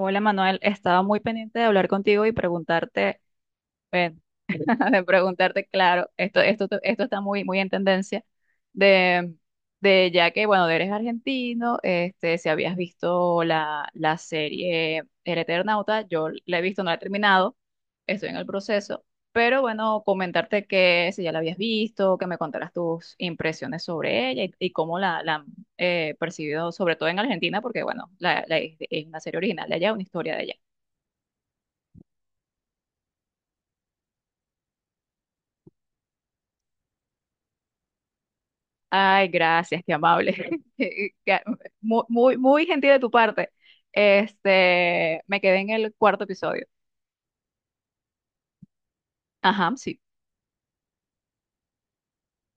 Hola Manuel, estaba muy pendiente de hablar contigo y preguntarte, bueno, de preguntarte, claro, esto está muy, muy en tendencia, de, de ya que, bueno, eres argentino, este, si habías visto la serie El Eternauta, yo la he visto, no la he terminado, estoy en el proceso, pero bueno, comentarte que si ya la habías visto, que me contaras tus impresiones sobre ella y cómo la han percibido, sobre todo en Argentina, porque bueno, es una serie original de allá, una historia de allá. Ay, gracias, qué amable. Qué- Muy, muy, muy gentil de tu parte. Este, me quedé en el cuarto episodio. Ajá, sí.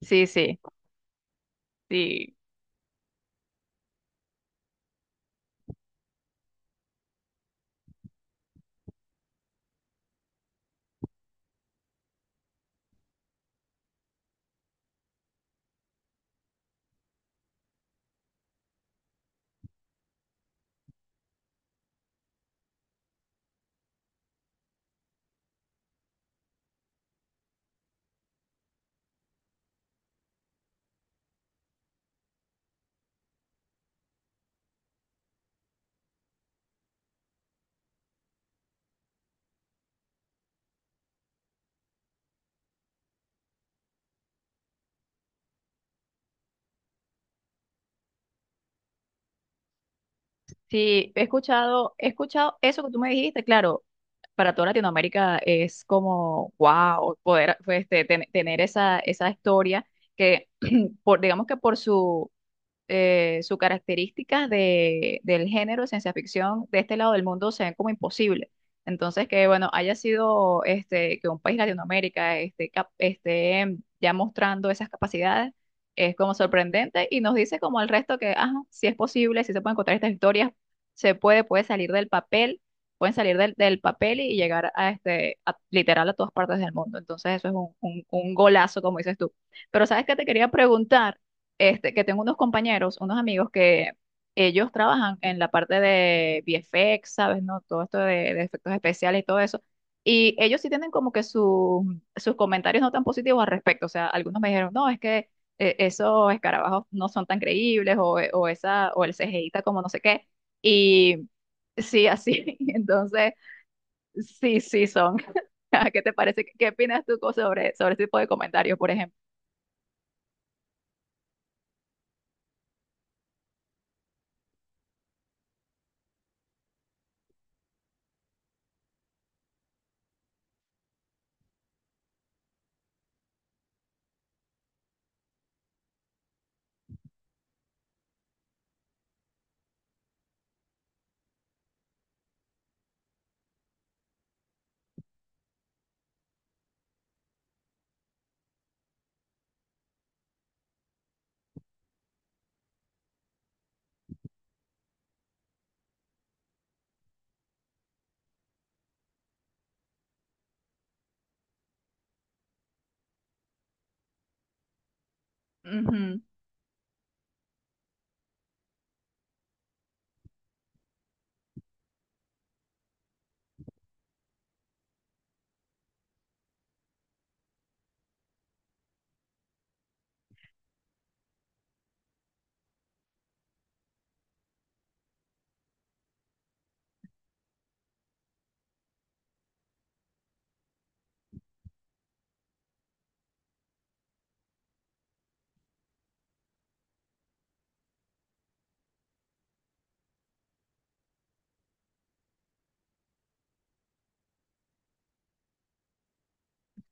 Sí, sí, sí. Sí, he escuchado eso que tú me dijiste, claro, para toda Latinoamérica es como, wow, poder pues, este, tener esa historia que, por, digamos que por su sus características del género de ciencia ficción de este lado del mundo se ven como imposible. Entonces, que bueno, haya sido este, que un país Latinoamérica este, esté ya mostrando esas capacidades es como sorprendente y nos dice como al resto que, ajá, sí es posible, sí se pueden encontrar estas historias, se puede, puede salir del papel, pueden salir del papel y llegar a este, literal a todas partes del mundo. Entonces, eso es un, un golazo, como dices tú. Pero, ¿sabes qué te quería preguntar? Este, que tengo unos compañeros, unos amigos que ellos trabajan en la parte de VFX, ¿sabes? ¿No? Todo esto de efectos especiales y todo eso. Y ellos sí tienen como que sus comentarios no tan positivos al respecto. O sea, algunos me dijeron, no, es que esos escarabajos no son tan creíbles o esa, o el CGI está como no sé qué. Y sí, así. Entonces, sí, sí son. ¿Qué te parece? ¿Qué opinas tú sobre ese tipo de comentarios, por ejemplo? Ujú.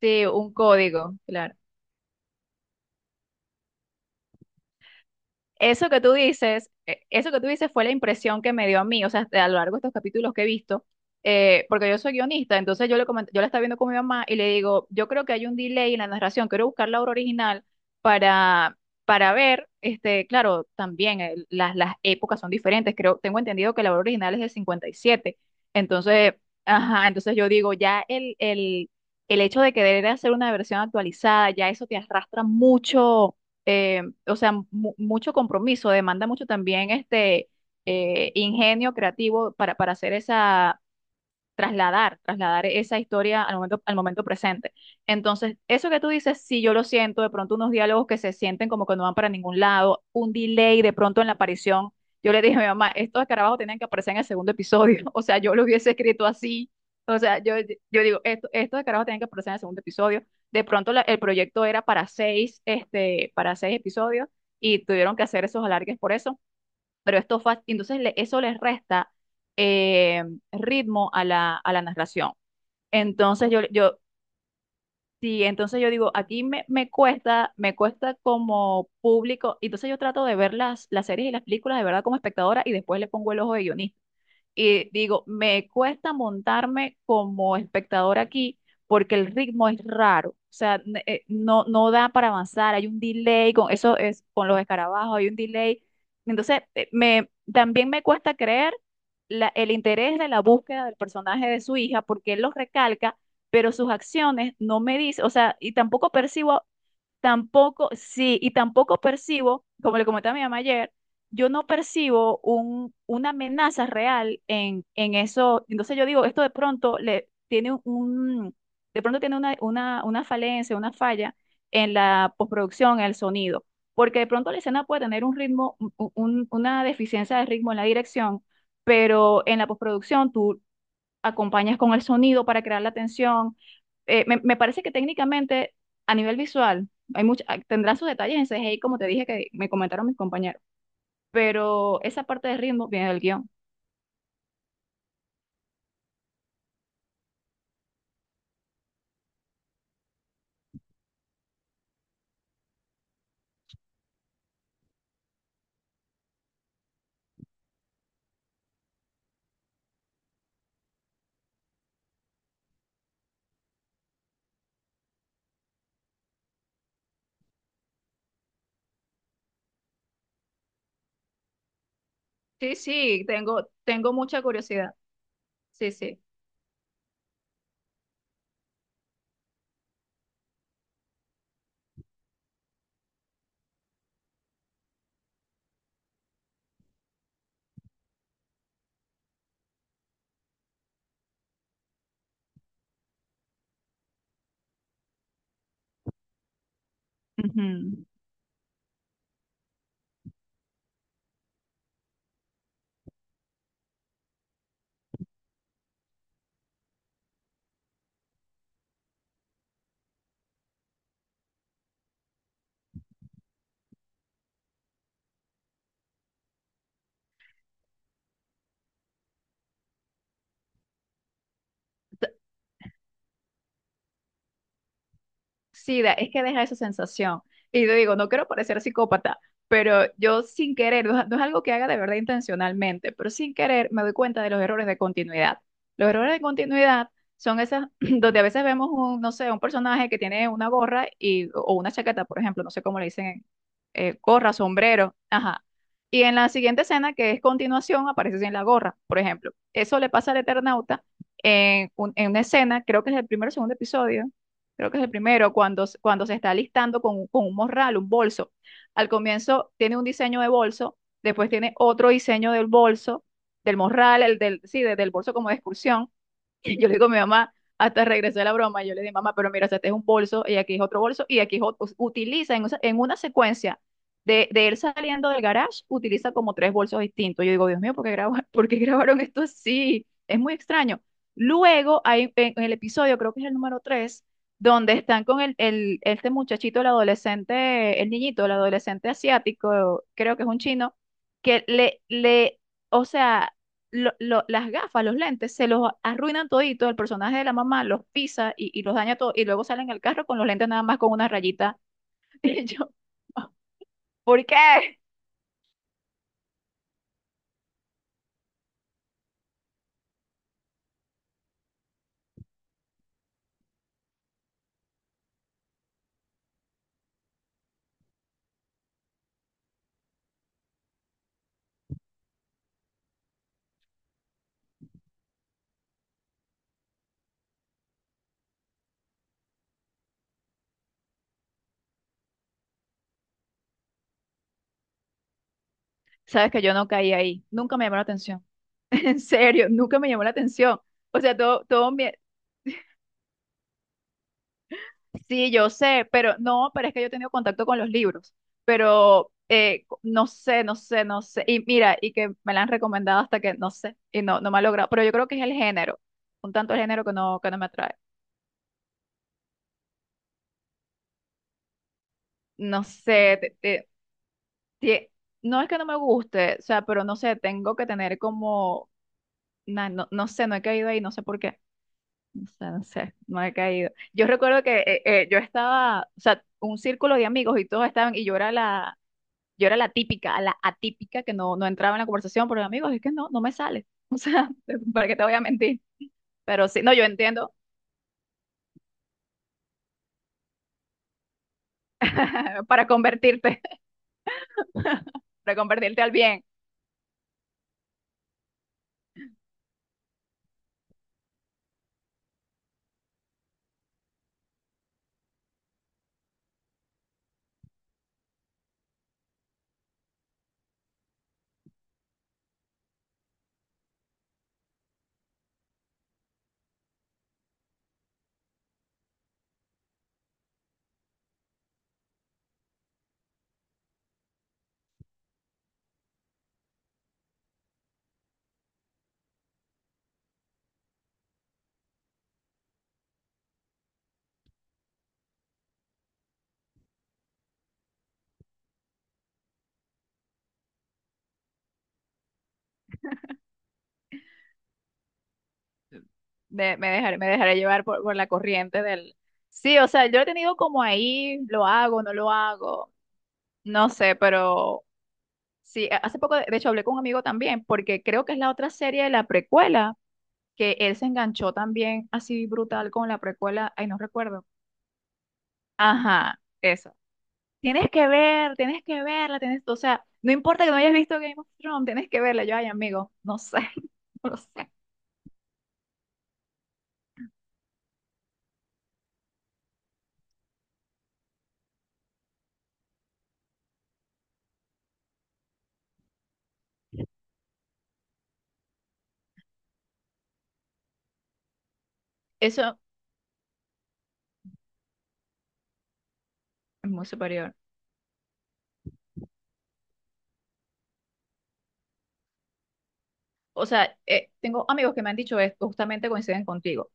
Sí, un código, claro. Eso que tú dices fue la impresión que me dio a mí, o sea, a lo largo de estos capítulos que he visto, porque yo soy guionista, entonces yo la estaba viendo con mi mamá y le digo, yo creo que hay un delay en la narración, quiero buscar la obra original para, para ver, este, claro, también las épocas son diferentes, creo, tengo entendido que la obra original es del 57, entonces, ajá, entonces yo digo, ya el hecho de querer hacer una versión actualizada, ya eso te arrastra mucho, o sea, mucho compromiso, demanda mucho también ingenio creativo para hacer esa, trasladar esa historia al momento presente. Entonces, eso que tú dices, sí, yo lo siento, de pronto unos diálogos que se sienten como que no van para ningún lado, un delay de pronto en la aparición. Yo le dije a mi mamá, estos escarabajos tenían que aparecer en el segundo episodio, o sea, yo lo hubiese escrito así, o sea, yo digo, estos escarabajos tenían que aparecer en el segundo episodio. De pronto el proyecto era para seis episodios y tuvieron que hacer esos alargues por eso, pero entonces eso les resta eh, ritmo a la narración. Entonces yo, sí, entonces yo digo, aquí me cuesta, me cuesta como público, entonces yo trato de ver las series y las películas de verdad como espectadora y después le pongo el ojo de guionista. Y digo, me cuesta montarme como espectador aquí porque el ritmo es raro. O sea, no, no da para avanzar, hay un delay, con eso es con los escarabajos, hay un delay. Entonces, también me cuesta creer el interés de la búsqueda del personaje de su hija porque él los recalca, pero sus acciones no me dice, o sea, y tampoco percibo. Tampoco, sí, y tampoco percibo, como le comenté a mi mamá ayer, yo no percibo una amenaza real en eso. Entonces yo digo, esto de pronto le tiene un, de pronto tiene una falencia, una falla en la postproducción, en el sonido, porque de pronto la escena puede tener un ritmo, una deficiencia de ritmo en la dirección, pero en la postproducción tú acompañas con el sonido para crear la tensión. Me parece que técnicamente, a nivel visual, hay mucha, tendrán sus detalles en CGI, como te dije que me comentaron mis compañeros, pero esa parte de ritmo viene del guión. Sí, sí, tengo mucha curiosidad. Sí, sí. Ujú. Sí, es que deja esa sensación. Y te digo, no quiero parecer psicópata, pero yo sin querer, no, no es algo que haga de verdad intencionalmente, pero sin querer me doy cuenta de los errores de continuidad. Los errores de continuidad son esas donde a veces vemos un, no sé, un personaje que tiene una gorra y, o una chaqueta, por ejemplo, no sé cómo le dicen, gorra, sombrero, ajá. Y en la siguiente escena, que es continuación, aparece sin la gorra, por ejemplo. Eso le pasa al Eternauta en una escena, creo que es el primer o segundo episodio. Creo que es el primero, cuando se está alistando con un morral, un bolso. Al comienzo tiene un diseño de bolso, después tiene otro diseño del bolso, del morral, el del, sí, del bolso como de excursión, yo le digo a mi mamá, hasta regresé a la broma, yo le dije, mamá, pero mira, o sea, este es un bolso y aquí es otro bolso y aquí es otro. Utiliza en una secuencia de él saliendo del garage, utiliza como tres bolsos distintos. Yo digo, Dios mío, ¿por qué por qué grabaron esto así? Es muy extraño. Luego, en el episodio, creo que es el número 3, donde están con este muchachito, el adolescente, el niñito, el adolescente asiático, creo que es un chino, que o sea las gafas, los lentes, se los arruinan todito, el personaje de la mamá los pisa y los daña todo, y luego salen al carro con los lentes nada más con una rayita. Y yo, ¿por qué? Sabes que yo no caí ahí, nunca me llamó la atención, en serio, nunca me llamó la atención. O sea, todo, todo mi. Sí, yo sé, pero no, pero es que yo he tenido contacto con los libros, pero no sé, no sé, no sé. Y mira, y que me la han recomendado hasta que no sé, y no, no me ha logrado, pero yo creo que es el género, un tanto el género que no me atrae. No sé, tie- no es que no me guste, o sea, pero no sé, tengo que tener como, no, no sé, no he caído ahí, no sé por qué, no sé, no sé, no he caído. Yo recuerdo que yo estaba, o sea, un círculo de amigos y todos estaban, y yo era la típica, la atípica que no, no entraba en la conversación, pero amigos, es que no, no me sale, o sea, ¿para qué te voy a mentir? Pero sí, no, yo entiendo, para convertirte, para convertirte al bien. Me dejaré llevar por la corriente del. Sí, o sea, yo he tenido como ahí, lo hago, no sé, pero sí, hace poco, de hecho, hablé con un amigo también, porque creo que es la otra serie de la precuela, que él se enganchó también así brutal con la precuela, ay, no recuerdo. Ajá, eso. Tienes que ver, tienes que verla, tienes, o sea, no importa que no hayas visto Game of Thrones, tienes que verla. Yo, ay, amigo, no sé, no lo sé. Eso es muy superior. O sea, tengo amigos que me han dicho esto, justamente coinciden contigo.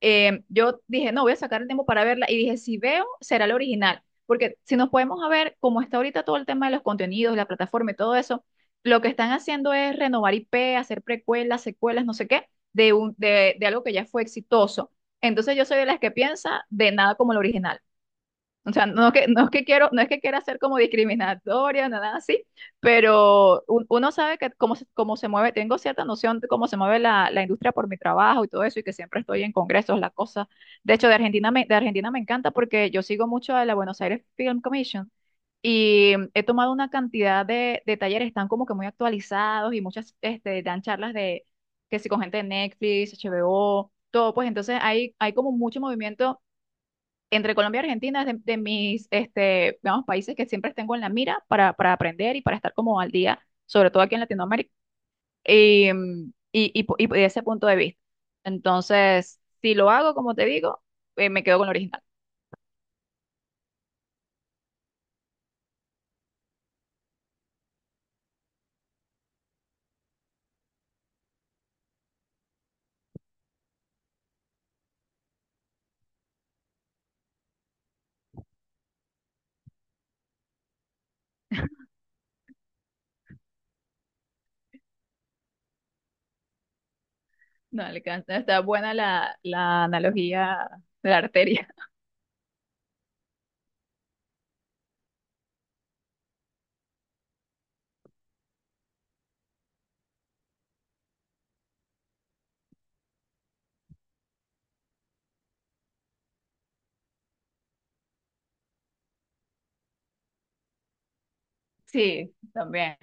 Yo dije, no, voy a sacar el tiempo para verla y dije, si veo, será la original, porque si nos podemos a ver cómo está ahorita todo el tema de los contenidos, la plataforma y todo eso, lo que están haciendo es renovar IP, hacer precuelas, secuelas, no sé qué, de algo que ya fue exitoso. Entonces yo soy de las que piensa de nada como el original. O sea, no que, no es que quiero, no es que quiera ser como discriminatoria, nada así, pero uno sabe que cómo se, mueve, tengo cierta noción de cómo se mueve la industria por mi trabajo y todo eso, y que siempre estoy en congresos, la cosa. De hecho, de Argentina me encanta porque yo sigo mucho a la Buenos Aires Film Commission y he tomado una cantidad de talleres, están como que muy actualizados y muchas dan charlas de que si con gente de Netflix, HBO, todo, pues entonces hay como mucho movimiento entre Colombia y Argentina es de mis digamos, países que siempre tengo en la mira para aprender y para estar como al día, sobre todo aquí en Latinoamérica, y de ese punto de vista. Entonces, si lo hago, como te digo, me quedo con lo original. No, está buena la analogía de la arteria. Sí, también,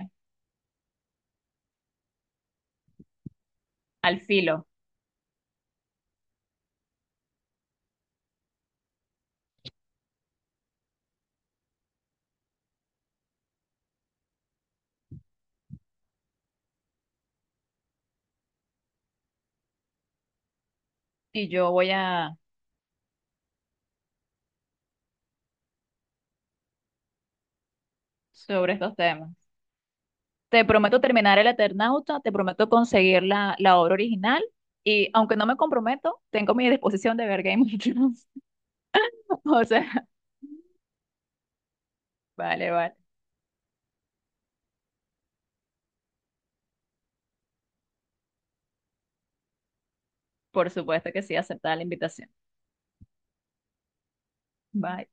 al filo. Y yo voy a sobre estos temas. Te prometo terminar el Eternauta, te prometo conseguir la obra original y aunque no me comprometo, tengo mi disposición de ver Game of Thrones. O sea, vale, vale. Por supuesto que sí, aceptada la invitación. Bye.